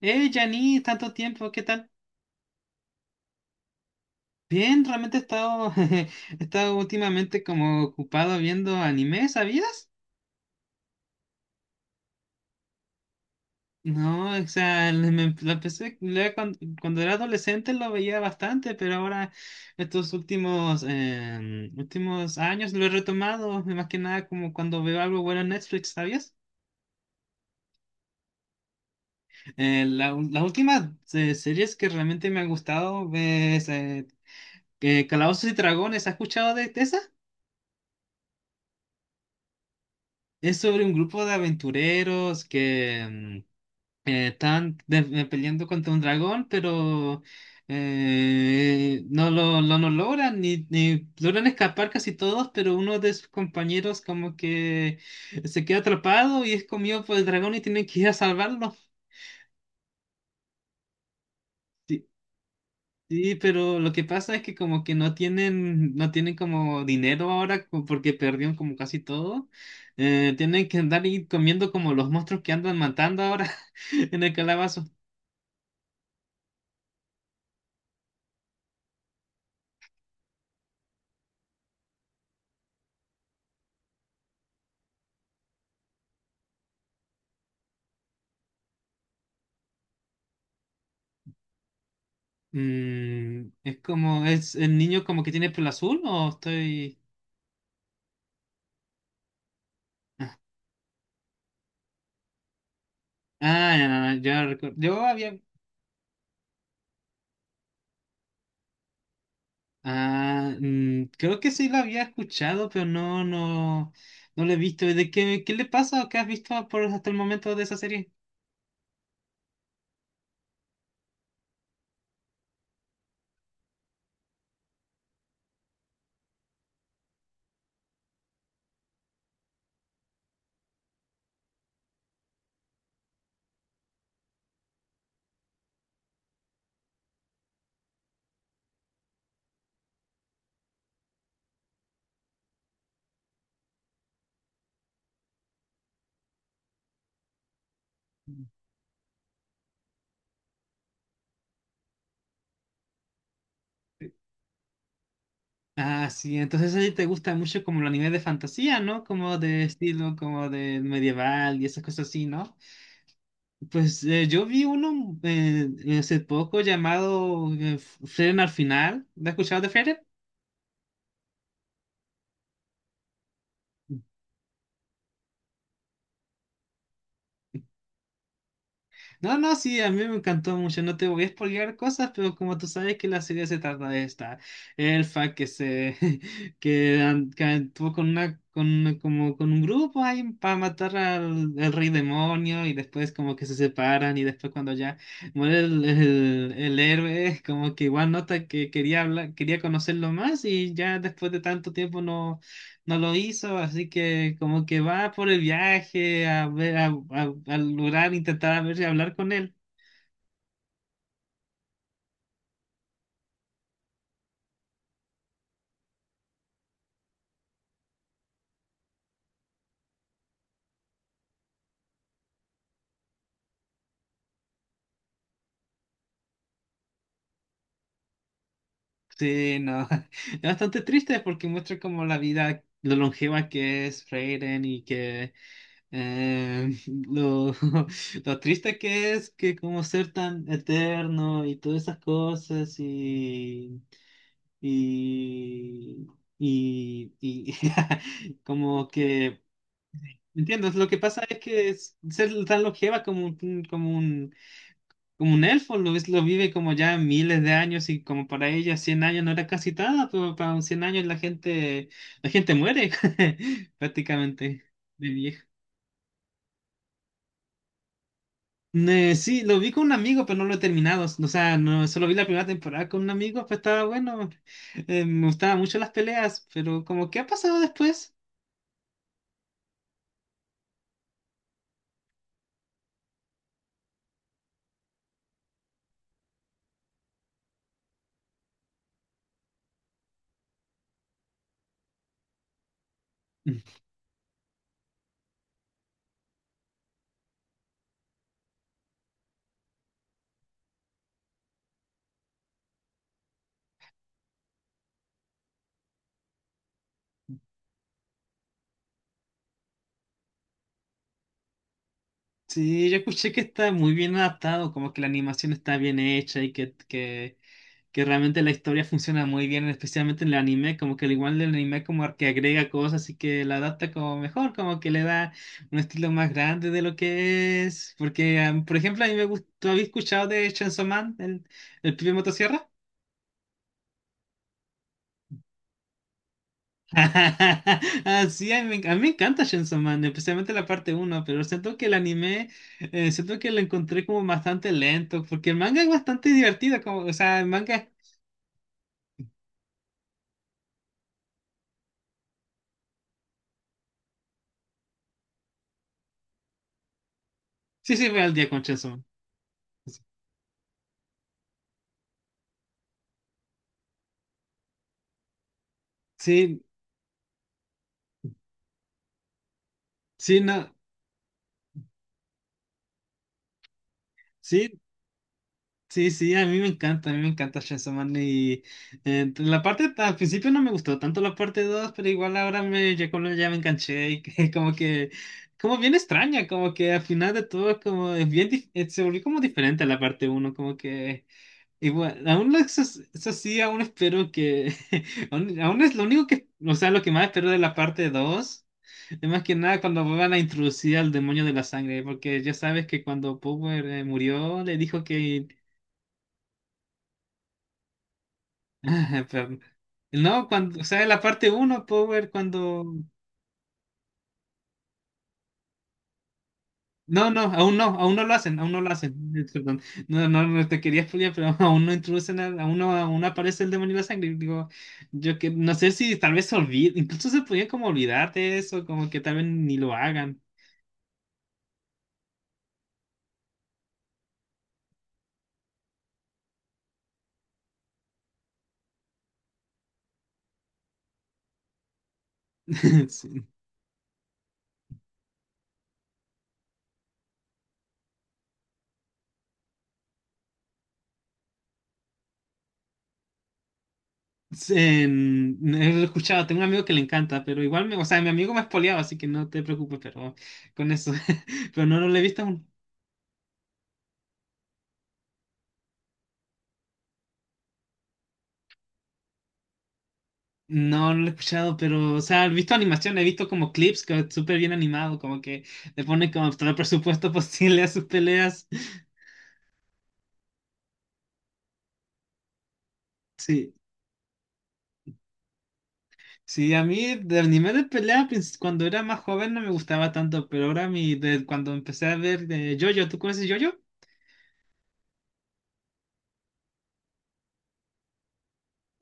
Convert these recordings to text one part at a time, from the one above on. Hey, Jani, tanto tiempo, ¿qué tal? Bien, realmente he estado, he estado últimamente como ocupado viendo anime, ¿sabías? No, o sea, lo empecé, cuando, era adolescente lo veía bastante, pero ahora estos últimos, últimos años lo he retomado, más que nada como cuando veo algo bueno en Netflix, ¿sabías? La última series que realmente me ha gustado es Calabozos y Dragones, ¿has escuchado de esa? Es sobre un grupo de aventureros que mm, están peleando contra un dragón, pero no no logran, ni logran escapar casi todos, pero uno de sus compañeros como que se queda atrapado y es comido por el dragón y tienen que ir a salvarlo. Sí. Sí, pero lo que pasa es que como que no tienen, no tienen como dinero ahora porque perdieron como casi todo. Tienen que andar y comiendo como los monstruos que andan matando ahora en el calabazo. Mm, es como, es el niño como que tiene pelo azul o estoy... Ah, ya, ya, ya recuerdo. Yo había... Ah, mm, creo que sí lo había escuchado, pero no, no, no lo he visto. ¿De qué, qué le pasa o qué has visto por hasta el momento de esa serie? Ah, sí, entonces a ti te gusta mucho como el anime de fantasía, ¿no? Como de estilo, como de medieval y esas cosas así, ¿no? Pues yo vi uno hace poco llamado Frieren al final. ¿Lo has escuchado de Frieren? No, no, sí, a mí me encantó mucho. No te voy a spoilear cosas, pero como tú sabes que la serie se trata de esta elfa que se que, que actuó con una como con un grupo ahí para matar al rey demonio y después como que se separan y después cuando ya muere el héroe como que igual nota que quería hablar, quería conocerlo más y ya después de tanto tiempo no, no lo hizo, así que como que va por el viaje a ver, al lugar, intentar a ver si hablar con él. Sí, no, es bastante triste porque muestra como la vida, lo longeva que es Freyren y que eh, lo, lo triste que es que como ser tan eterno y todas esas cosas y, y como que... Entiendo, lo que pasa es que ser tan longeva como un elfo, lo vive como ya miles de años y como para ella 100 años no era casi nada, pero para un 100 años la gente muere prácticamente de vieja. Sí, lo vi con un amigo, pero no lo he terminado, o sea, no, solo vi la primera temporada con un amigo, pues estaba bueno. Me gustaban mucho las peleas, pero como, ¿qué ha pasado después? Sí, yo escuché que está muy bien adaptado, como que la animación está bien hecha y que realmente la historia funciona muy bien, especialmente en el anime, como que al igual del anime como que agrega cosas y que la adapta como mejor, como que le da un estilo más grande de lo que es. Porque, ah, por ejemplo, a mí me gustó, ¿habéis escuchado de Chainsaw Man, el pibe motosierra? Ah, sí, a mí, a mí me encanta Chainsaw Man, especialmente la parte uno, pero siento que el anime, siento que lo encontré como bastante lento, porque el manga es bastante divertido, como, o sea, el manga, sí, sí, voy al día con Chainsaw Man. Sí, sí, no, sí, sí, sí, a mí me encanta, a mí me encanta Chainsaw Man y la parte, al principio no me gustó tanto la parte dos, pero igual ahora ya me enganché y que como que, como bien extraña, como que al final de todo es como, es bien, se volvió como diferente a la parte uno, como que, igual, aún no- eso, eso sí, aún espero que, aún, aún es lo único que, o sea, lo que más espero de la parte dos. Es más que nada cuando van a introducir al demonio de la sangre, porque ya sabes que cuando Power murió, le dijo que ajá. Pero- no, cuando, o sea, la parte 1, Power, cuando... No, no, aún no, aún no lo hacen, aún no lo hacen. Perdón, no, no, no te quería spoilear, pero aún no introducen, aún no aparece el demonio de la sangre. Digo, yo que no sé si tal vez se olvide, incluso se podía como olvidar de eso, como que tal vez ni lo hagan. Sí. Sí, he escuchado, tengo un amigo que le encanta, pero igual, me, o sea, mi amigo me ha spoileado, así que no te preocupes, pero con eso, pero no, no lo he visto. No, no lo he escuchado, pero, o sea, he visto animación, he visto como clips que es súper bien animado, como que le ponen como todo el presupuesto posible a sus peleas. Sí, sí, a mí de anime de pelea pues, cuando era más joven no me gustaba tanto, pero ahora cuando empecé a ver de JoJo, ¿tú conoces JoJo?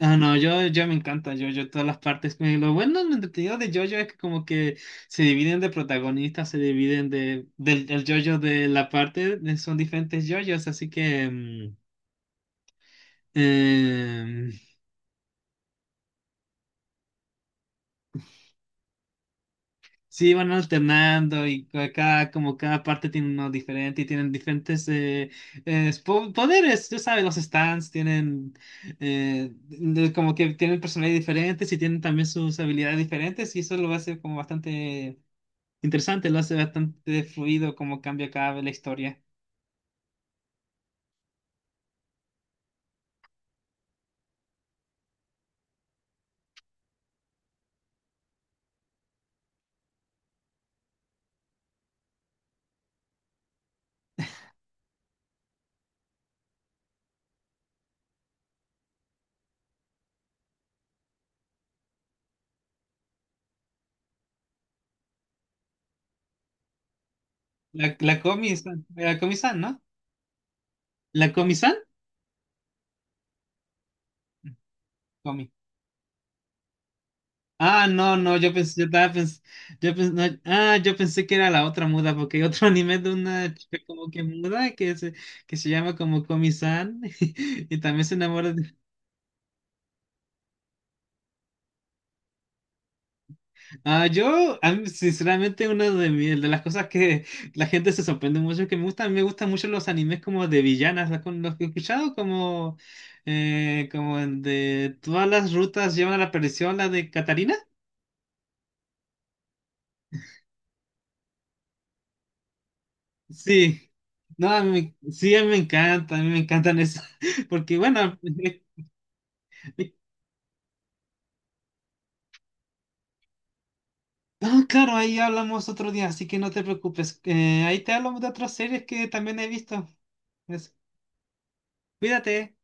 Ah, no, yo me encanta JoJo, todas las partes. Me- lo bueno, lo entretenido de JoJo es que como que se dividen de protagonistas, se dividen del el JoJo de la parte, son diferentes JoJos, así que... em, sí, van alternando y cada, como cada parte tiene uno diferente y tienen diferentes poderes, tú sabes, los stands tienen como que tienen personalidades diferentes y tienen también sus habilidades diferentes y eso lo hace como bastante interesante, lo hace bastante fluido como cambia cada vez la historia. La Comi-san, la Comi-san, ¿no? La Comi-san, Comi. Ah, no, no, yo pensé, yo estaba pens- yo pens- no, ah, yo pensé que era la otra muda, porque hay otro anime de una chica como que muda que se llama como Komi-san y también se enamora de... Ah, yo, a mí, sinceramente, una de las cosas que la gente se sorprende mucho que me gustan mucho los animes como de villanas, los, con los que he escuchado como, como el de todas las rutas llevan a la perdición, la de Catarina. Sí, no, a mí sí, a mí me encanta, a mí me encantan eso, porque bueno, ah, claro, ahí hablamos otro día, así que no te preocupes, ahí te hablamos de otras series que también he visto. Eso. Cuídate.